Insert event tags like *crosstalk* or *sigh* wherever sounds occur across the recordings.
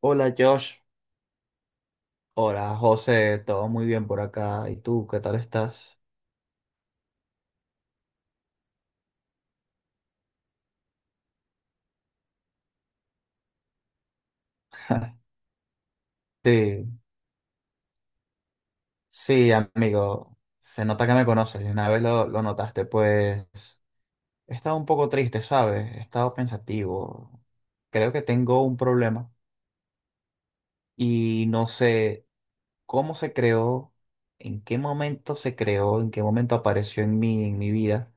Hola Josh, hola José, todo muy bien por acá. ¿Y tú, qué tal estás? Sí, sí, amigo, se nota que me conoces, y una vez lo notaste, pues he estado un poco triste, ¿sabes? He estado pensativo, creo que tengo un problema y no sé cómo se creó, en qué momento se creó, en qué momento apareció en mí, en mi vida,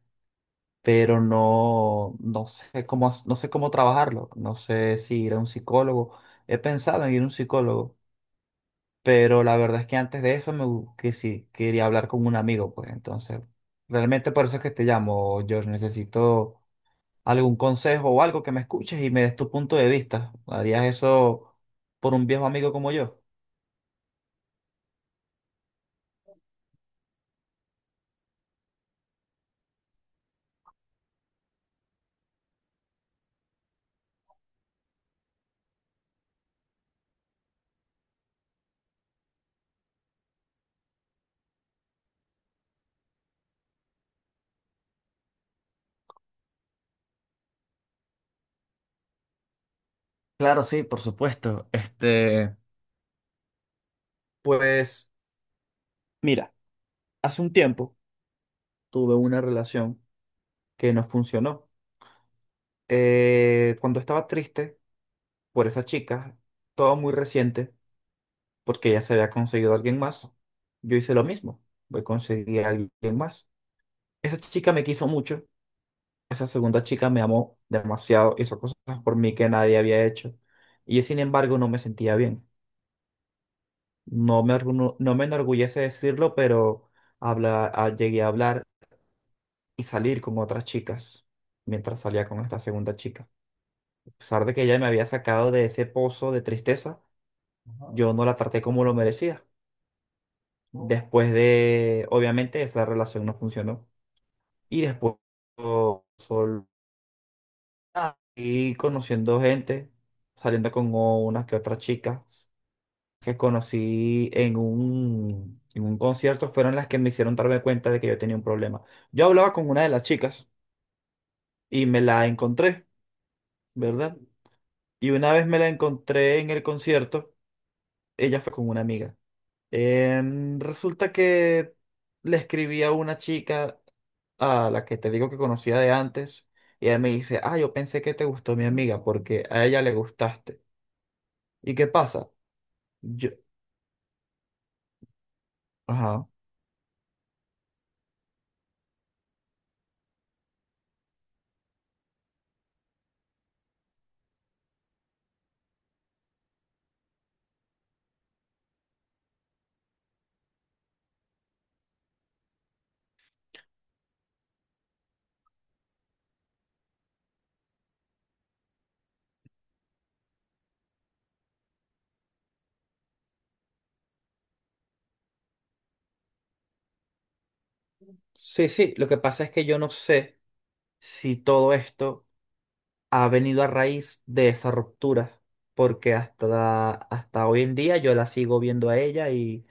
pero no sé cómo, no sé cómo trabajarlo, no sé si ir a un psicólogo. He pensado en ir a un psicólogo. Pero la verdad es que antes de eso que sí, quería hablar con un amigo, pues entonces, realmente por eso es que te llamo, George. Necesito algún consejo o algo que me escuches y me des tu punto de vista. ¿Harías eso por un viejo amigo como yo? Claro, sí, por supuesto. Pues mira, hace un tiempo tuve una relación que no funcionó. Cuando estaba triste por esa chica, todo muy reciente. Porque ya se había conseguido alguien más. Yo hice lo mismo, voy conseguí a alguien más. Esa chica me quiso mucho, esa segunda chica me amó demasiado, hizo cosas por mí que nadie había hecho. Y yo, sin embargo, no me sentía bien. No me enorgullece decirlo, pero llegué a hablar y salir con otras chicas mientras salía con esta segunda chica. A pesar de que ella me había sacado de ese pozo de tristeza, ajá, yo no la traté como lo merecía. Después de, obviamente, esa relación no funcionó. Y después, yo solo y conociendo gente, saliendo con unas que otras chicas que conocí en un concierto, fueron las que me hicieron darme cuenta de que yo tenía un problema. Yo hablaba con una de las chicas y me la encontré, ¿verdad? Y una vez me la encontré en el concierto, ella fue con una amiga. Resulta que le escribí a una chica a la que te digo que conocía de antes y ella me dice, ah, yo pensé que te gustó mi amiga porque a ella le gustaste. ¿Y qué pasa? Yo, ajá. Sí, sí, lo que pasa es que yo no sé si todo esto ha venido a raíz de esa ruptura, porque hasta hoy en día yo la sigo viendo a ella y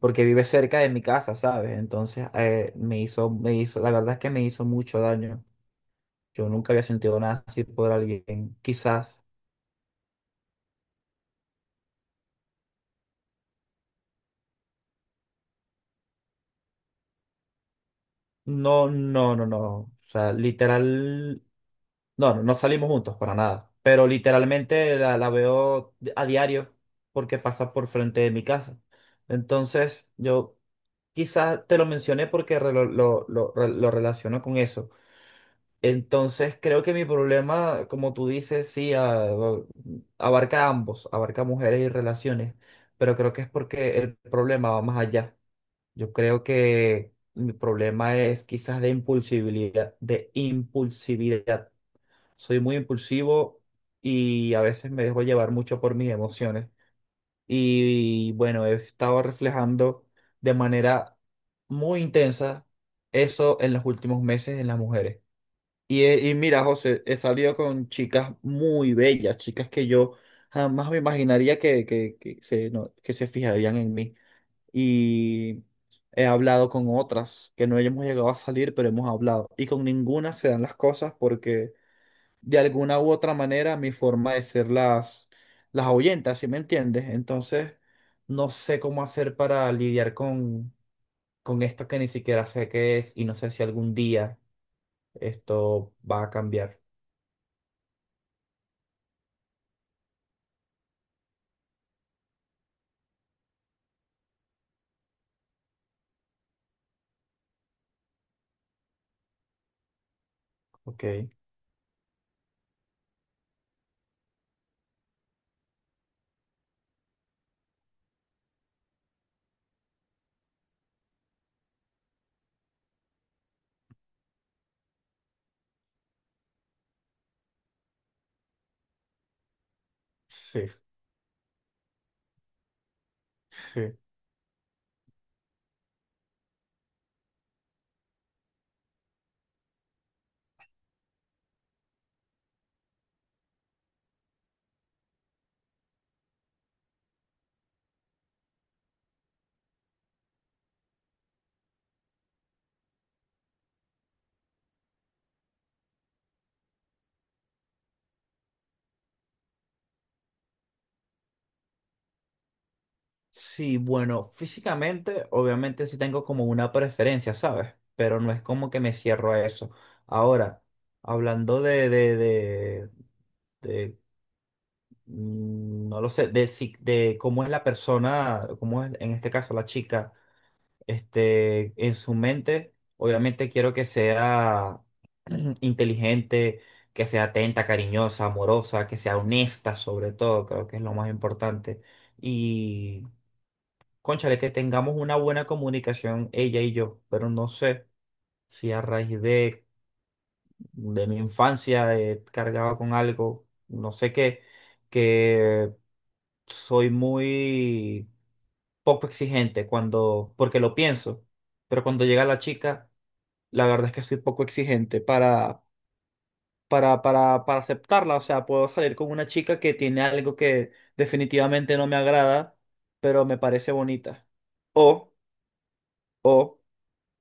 porque vive cerca de mi casa, ¿sabes? Entonces, me hizo, la verdad es que me hizo mucho daño. Yo nunca había sentido nada así por alguien. Quizás, no, no, no, no. O sea, literal, no, no, no salimos juntos para nada. Pero literalmente la veo a diario porque pasa por frente de mi casa. Entonces, yo quizás te lo mencioné porque lo relaciono con eso. Entonces, creo que mi problema, como tú dices, sí, abarca a ambos, abarca mujeres y relaciones. Pero creo que es porque el problema va más allá. Yo creo que mi problema es quizás de impulsividad. Soy muy impulsivo y a veces me dejo llevar mucho por mis emociones. Y bueno, he estado reflejando de manera muy intensa eso en los últimos meses en las mujeres. Y, y mira, José, he salido con chicas muy bellas, chicas que yo jamás me imaginaría que se, no, que se fijarían en mí y he hablado con otras que no hemos llegado a salir, pero hemos hablado. Y con ninguna se dan las cosas porque de alguna u otra manera mi forma de ser las ahuyenta, ¿sí me entiendes? Entonces no sé cómo hacer para lidiar con esto que ni siquiera sé qué es y no sé si algún día esto va a cambiar. Ok, sí, sí. Sí, bueno, físicamente, obviamente sí tengo como una preferencia, ¿sabes? Pero no es como que me cierro a eso. Ahora, hablando de, no lo sé, de, de cómo es la persona, cómo es en este caso la chica, en su mente, obviamente quiero que sea *clears throat* inteligente, que sea atenta, cariñosa, amorosa, que sea honesta sobre todo, creo que es lo más importante. Y cónchale, que tengamos una buena comunicación ella y yo, pero no sé si a raíz de mi infancia he cargado con algo, no sé qué, que soy muy poco exigente cuando, porque lo pienso, pero cuando llega la chica, la verdad es que soy poco exigente para aceptarla. O sea, puedo salir con una chica que tiene algo que definitivamente no me agrada, pero me parece bonita. O, o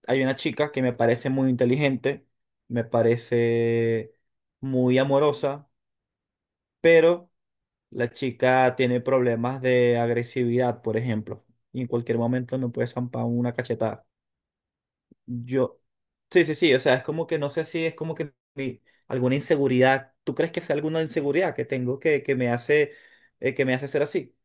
hay una chica que me parece muy inteligente, me parece muy amorosa, pero la chica tiene problemas de agresividad, por ejemplo, y en cualquier momento me puede zampar una cachetada. Yo, sí, sí, sí, o sea, es como que no sé si es como que alguna inseguridad, ¿tú crees que es alguna inseguridad que tengo que me hace ser así?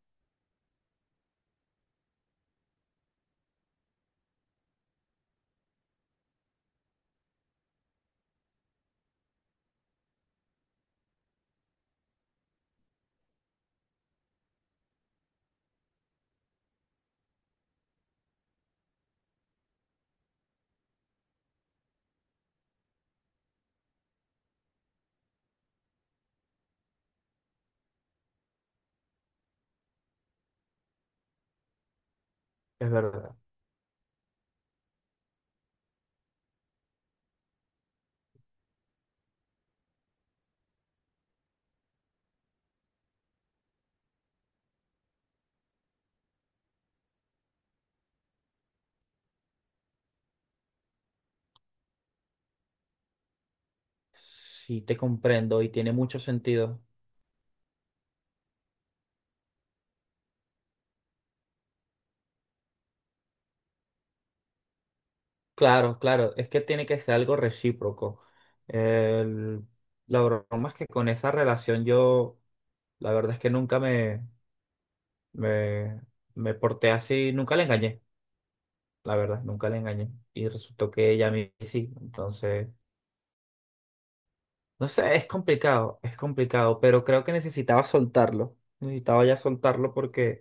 Es verdad. Sí, te comprendo y tiene mucho sentido. Claro, claro, es que tiene que ser algo recíproco. El- la broma es que con esa relación yo, la verdad es que nunca me, me, me porté así, nunca le engañé, la verdad, nunca le engañé. Y resultó que ella a mí sí, entonces, no sé, es complicado, pero creo que necesitaba soltarlo, necesitaba ya soltarlo porque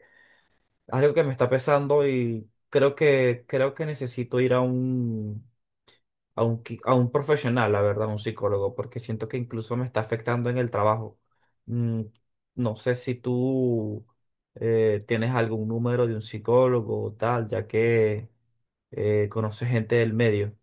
es algo que me está pesando y creo que necesito ir a un a un, a un profesional, la verdad, un psicólogo, porque siento que incluso me está afectando en el trabajo. Mm, no sé si tú tienes algún número de un psicólogo o tal, ya que conoces gente del medio.